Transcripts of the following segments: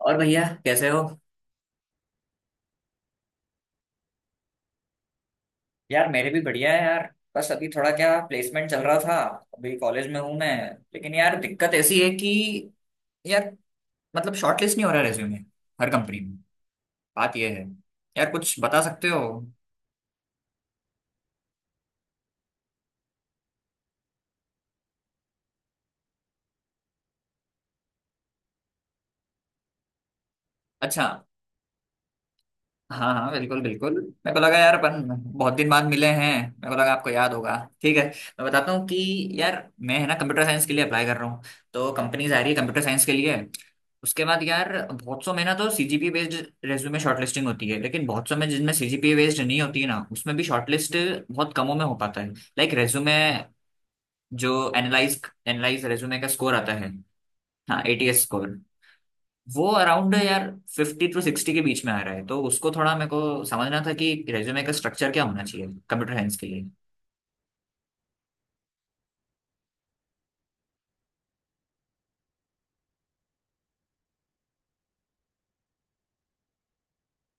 और भैया कैसे हो। यार मेरे भी बढ़िया है यार। बस अभी थोड़ा क्या प्लेसमेंट चल रहा था। अभी कॉलेज में हूँ मैं। लेकिन यार दिक्कत ऐसी है कि यार मतलब शॉर्टलिस्ट नहीं हो रहा रेज्यूमे हर कंपनी में। बात ये है यार, कुछ बता सकते हो? अच्छा, हाँ हाँ, बिल्कुल बिल्कुल, मेरे को लगा यार अपन बहुत दिन बाद मिले हैं, मेरे को लगा आपको याद होगा। ठीक है मैं बताता हूँ कि यार, मैं है ना कंप्यूटर साइंस के लिए अप्लाई कर रहा हूँ, तो कंपनीज आ रही है कंप्यूटर साइंस के लिए। उसके बाद यार बहुत सौ में ना तो सीजीपीए बेस्ड रेज्यूमे शॉर्टलिस्टिंग होती है, लेकिन बहुत सौ में जिनमें सीजीपीए बेस्ड नहीं होती है ना उसमें भी शॉर्टलिस्ट बहुत कमों में हो पाता है। लाइक रेज्यूमे जो एनालाइज एनालाइज रेज्यूमे का स्कोर आता है। हाँ, एटीएस स्कोर वो अराउंड यार 50 से 60 के बीच में आ रहा है। तो उसको थोड़ा मेरे को समझना था कि रेज्यूमे का स्ट्रक्चर क्या होना चाहिए कंप्यूटर साइंस के लिए।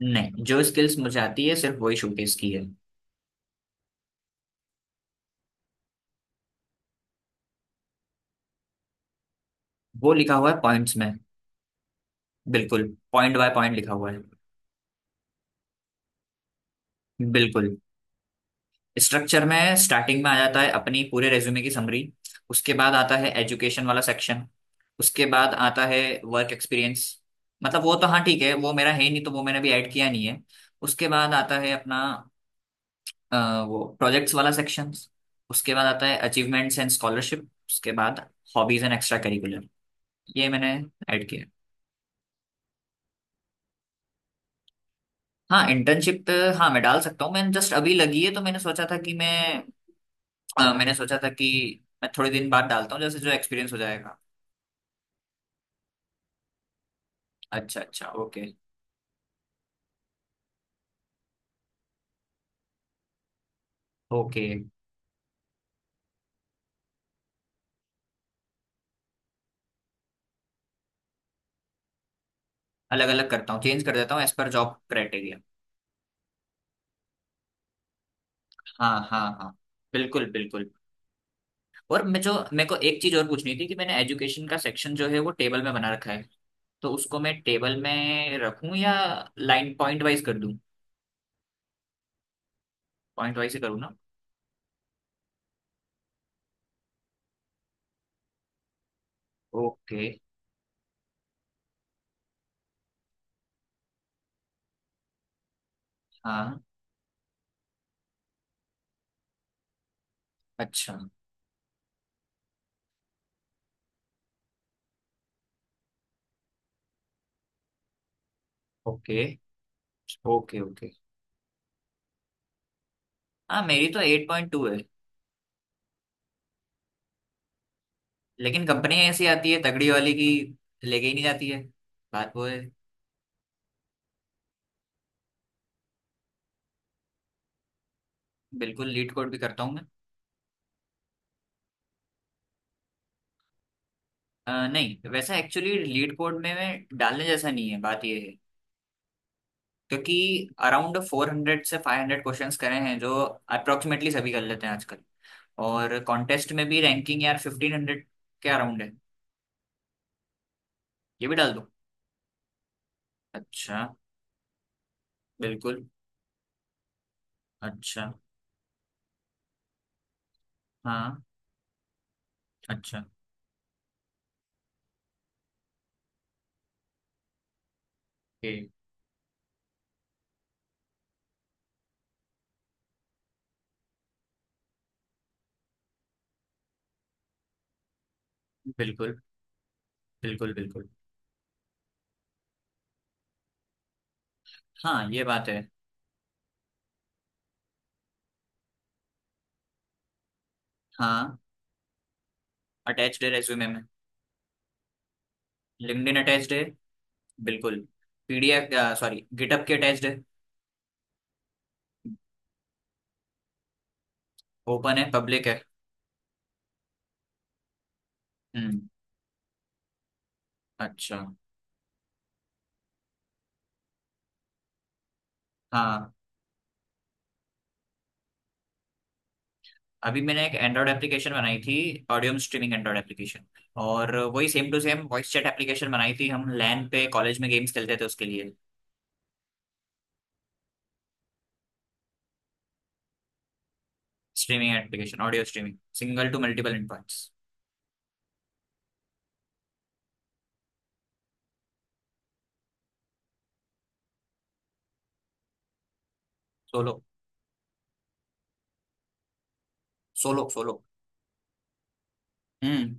नहीं, जो स्किल्स मुझे आती है सिर्फ वही शोकेस की है। वो लिखा हुआ है पॉइंट्स में, बिल्कुल। पॉइंट बाय पॉइंट लिखा हुआ है। बिल्कुल। स्ट्रक्चर में स्टार्टिंग में आ जाता है अपनी पूरे रेज्यूमे की समरी। उसके बाद आता है एजुकेशन वाला सेक्शन। उसके बाद आता है वर्क एक्सपीरियंस। मतलब वो तो हाँ ठीक है, वो मेरा है नहीं, तो वो मैंने अभी ऐड किया नहीं है। उसके बाद आता है अपना अ, वो प्रोजेक्ट्स वाला सेक्शन। उसके बाद आता है अचीवमेंट्स एंड स्कॉलरशिप। उसके बाद हॉबीज एंड एक्स्ट्रा करिकुलर, ये मैंने ऐड किया। हाँ इंटर्नशिप। हाँ मैं डाल सकता हूँ, मैंने जस्ट अभी लगी है तो मैंने सोचा था कि मैं मैंने सोचा था कि मैं थोड़े दिन बाद डालता हूँ जैसे जो एक्सपीरियंस हो जाएगा। अच्छा अच्छा, ओके ओके। अलग अलग करता हूँ, चेंज कर देता हूँ एज पर जॉब क्राइटेरिया। हाँ हाँ हाँ, बिल्कुल बिल्कुल। और मैं जो मेरे को एक चीज और पूछनी थी कि मैंने एजुकेशन का सेक्शन जो है वो टेबल में बना रखा है। तो उसको मैं टेबल में रखूं या लाइन पॉइंट वाइज कर दूं? पॉइंट वाइज ही करूँ ना? ओके। हाँ। अच्छा, ओके ओके। ओके। हाँ मेरी तो 8.2 है। लेकिन कंपनियां ऐसी आती है तगड़ी वाली की, लेके ही नहीं जाती है। बात वो है। बिल्कुल लीड कोड भी करता हूँ मैं। नहीं वैसा एक्चुअली लीड कोड में मैं डालने जैसा नहीं है, बात ये है। क्योंकि अराउंड 400 से 500 क्वेश्चंस करे हैं जो अप्रोक्सीमेटली सभी कर लेते हैं आजकल। और कॉन्टेस्ट में भी रैंकिंग यार 1500 के अराउंड है। ये भी डाल दूँ? अच्छा। बिल्कुल। अच्छा। हाँ। अच्छा, ओके। बिल्कुल बिल्कुल बिल्कुल। हाँ ये बात है। हाँ, अटैच्ड है रेज्यूमे में। लिंक्डइन अटैच्ड है, बिल्कुल। पीडीएफ सॉरी गिटअप के अटैच्ड है। ओपन है, पब्लिक है। हम्म। अच्छा। हाँ। अभी मैंने एक एंड्रॉयड एप्लीकेशन बनाई थी, ऑडियो स्ट्रीमिंग एंड्रॉयड एप्लीकेशन। और वही same to same voice chat application बनाई थी, हम लैन पे कॉलेज में गेम्स खेलते थे उसके लिए। Streaming application, audio streaming, single to multiple inputs. Solo. Solo solo. हम्म।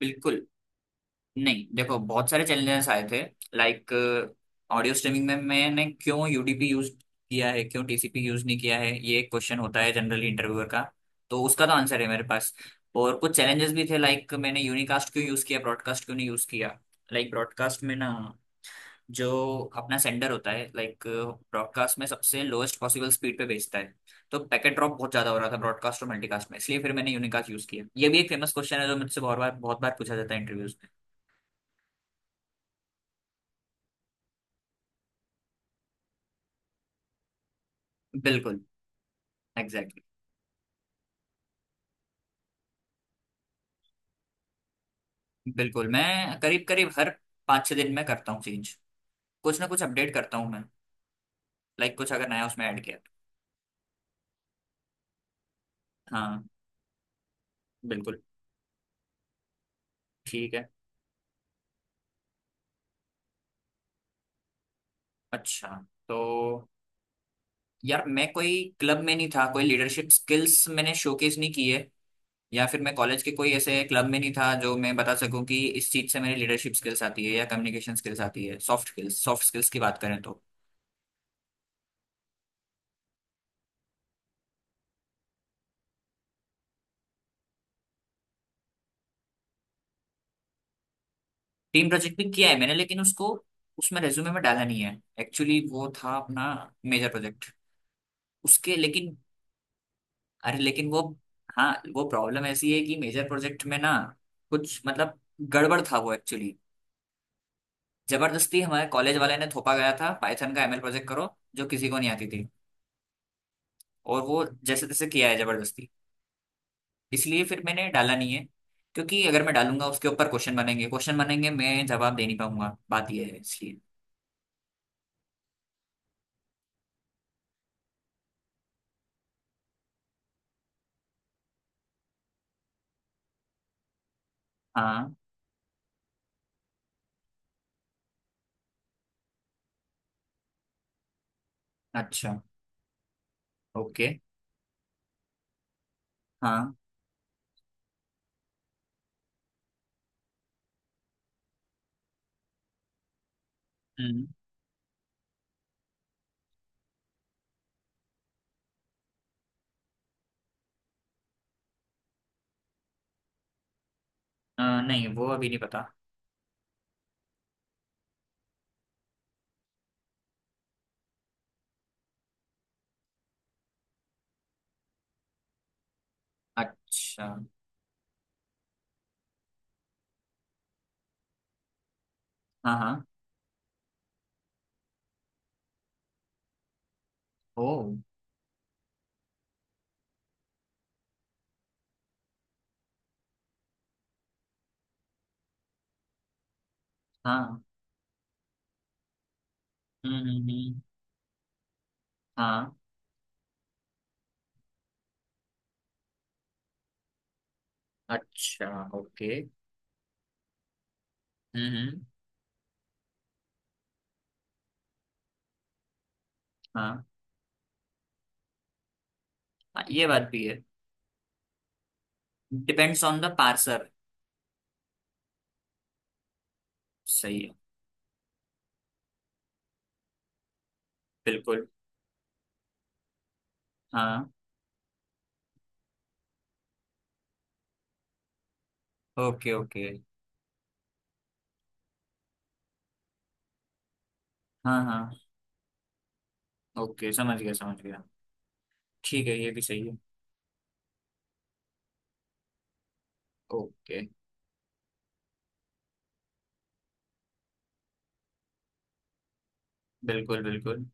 बिल्कुल। नहीं देखो, बहुत सारे चैलेंजेस आए थे। लाइक ऑडियो स्ट्रीमिंग में मैंने क्यों यूडीपी यूज किया है, क्यों टीसीपी यूज नहीं किया है, ये एक क्वेश्चन होता है जनरली इंटरव्यूअर का। तो उसका तो आंसर है मेरे पास। और कुछ चैलेंजेस भी थे, लाइक मैंने यूनिकास्ट क्यों यूज किया, ब्रॉडकास्ट क्यों नहीं यूज किया। लाइक ब्रॉडकास्ट में ना जो अपना सेंडर होता है लाइक ब्रॉडकास्ट में सबसे लोएस्ट पॉसिबल स्पीड पे भेजता है, तो पैकेट ड्रॉप बहुत ज्यादा हो रहा था ब्रॉडकास्ट और मल्टीकास्ट में। इसलिए फिर मैंने यूनिकास्ट यूज किया। ये भी एक फेमस क्वेश्चन है जो मुझसे बहुत बार पूछा जाता है इंटरव्यूज में। बिल्कुल। Exactly exactly. बिल्कुल। मैं करीब करीब हर 5 6 दिन में करता हूँ चेंज, कुछ ना कुछ अपडेट करता हूँ मैं, लाइक कुछ अगर नया उसमें ऐड किया तो। हाँ। बिल्कुल। ठीक है। अच्छा, तो यार मैं कोई क्लब में नहीं था, कोई लीडरशिप स्किल्स मैंने शोकेस नहीं की है। या फिर मैं कॉलेज के कोई ऐसे क्लब में नहीं था जो मैं बता सकूं कि इस चीज से मेरी लीडरशिप स्किल्स आती है या कम्युनिकेशन स्किल्स आती है। सॉफ्ट स्किल्स, सॉफ्ट स्किल्स की बात करें तो। टीम प्रोजेक्ट भी किया है मैंने, लेकिन उसको उसमें रेज्यूमे में डाला नहीं है। एक्चुअली वो था अपना मेजर प्रोजेक्ट उसके लेकिन, अरे लेकिन वो, हाँ वो प्रॉब्लम ऐसी है कि मेजर प्रोजेक्ट में ना कुछ मतलब गड़बड़ था वो एक्चुअली। जबरदस्ती हमारे कॉलेज वाले ने थोपा गया था, पाइथन का एमएल प्रोजेक्ट करो जो किसी को नहीं आती थी, और वो जैसे तैसे किया है जबरदस्ती। इसलिए फिर मैंने डाला नहीं है, क्योंकि अगर मैं डालूंगा उसके ऊपर क्वेश्चन बनेंगे, क्वेश्चन बनेंगे मैं जवाब दे नहीं पाऊंगा, बात यह है इसलिए। हाँ। अच्छा, ओके। हाँ। हम्म। नहीं वो अभी नहीं पता। अच्छा। हाँ हाँ। ओ। हाँ। हम्म। हाँ। अच्छा, ओके। हम्म। हाँ हाँ, ये बात भी है। Depends on the parser. सही है। बिल्कुल। हाँ। Okay okay. हाँ हाँ, ओके समझ गया समझ गया। ठीक है, ये भी सही है। ओके। बिल्कुल बिल्कुल।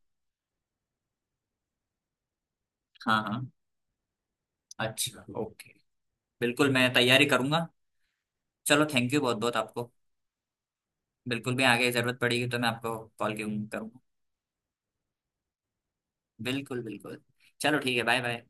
हाँ हाँ। अच्छा, ओके। बिल्कुल मैं तैयारी करूंगा। चलो थैंक यू बहुत बहुत आपको। बिल्कुल भी आगे जरूरत पड़ेगी तो मैं आपको कॉल करूंगा। बिल्कुल बिल्कुल। चलो ठीक है, बाय बाय।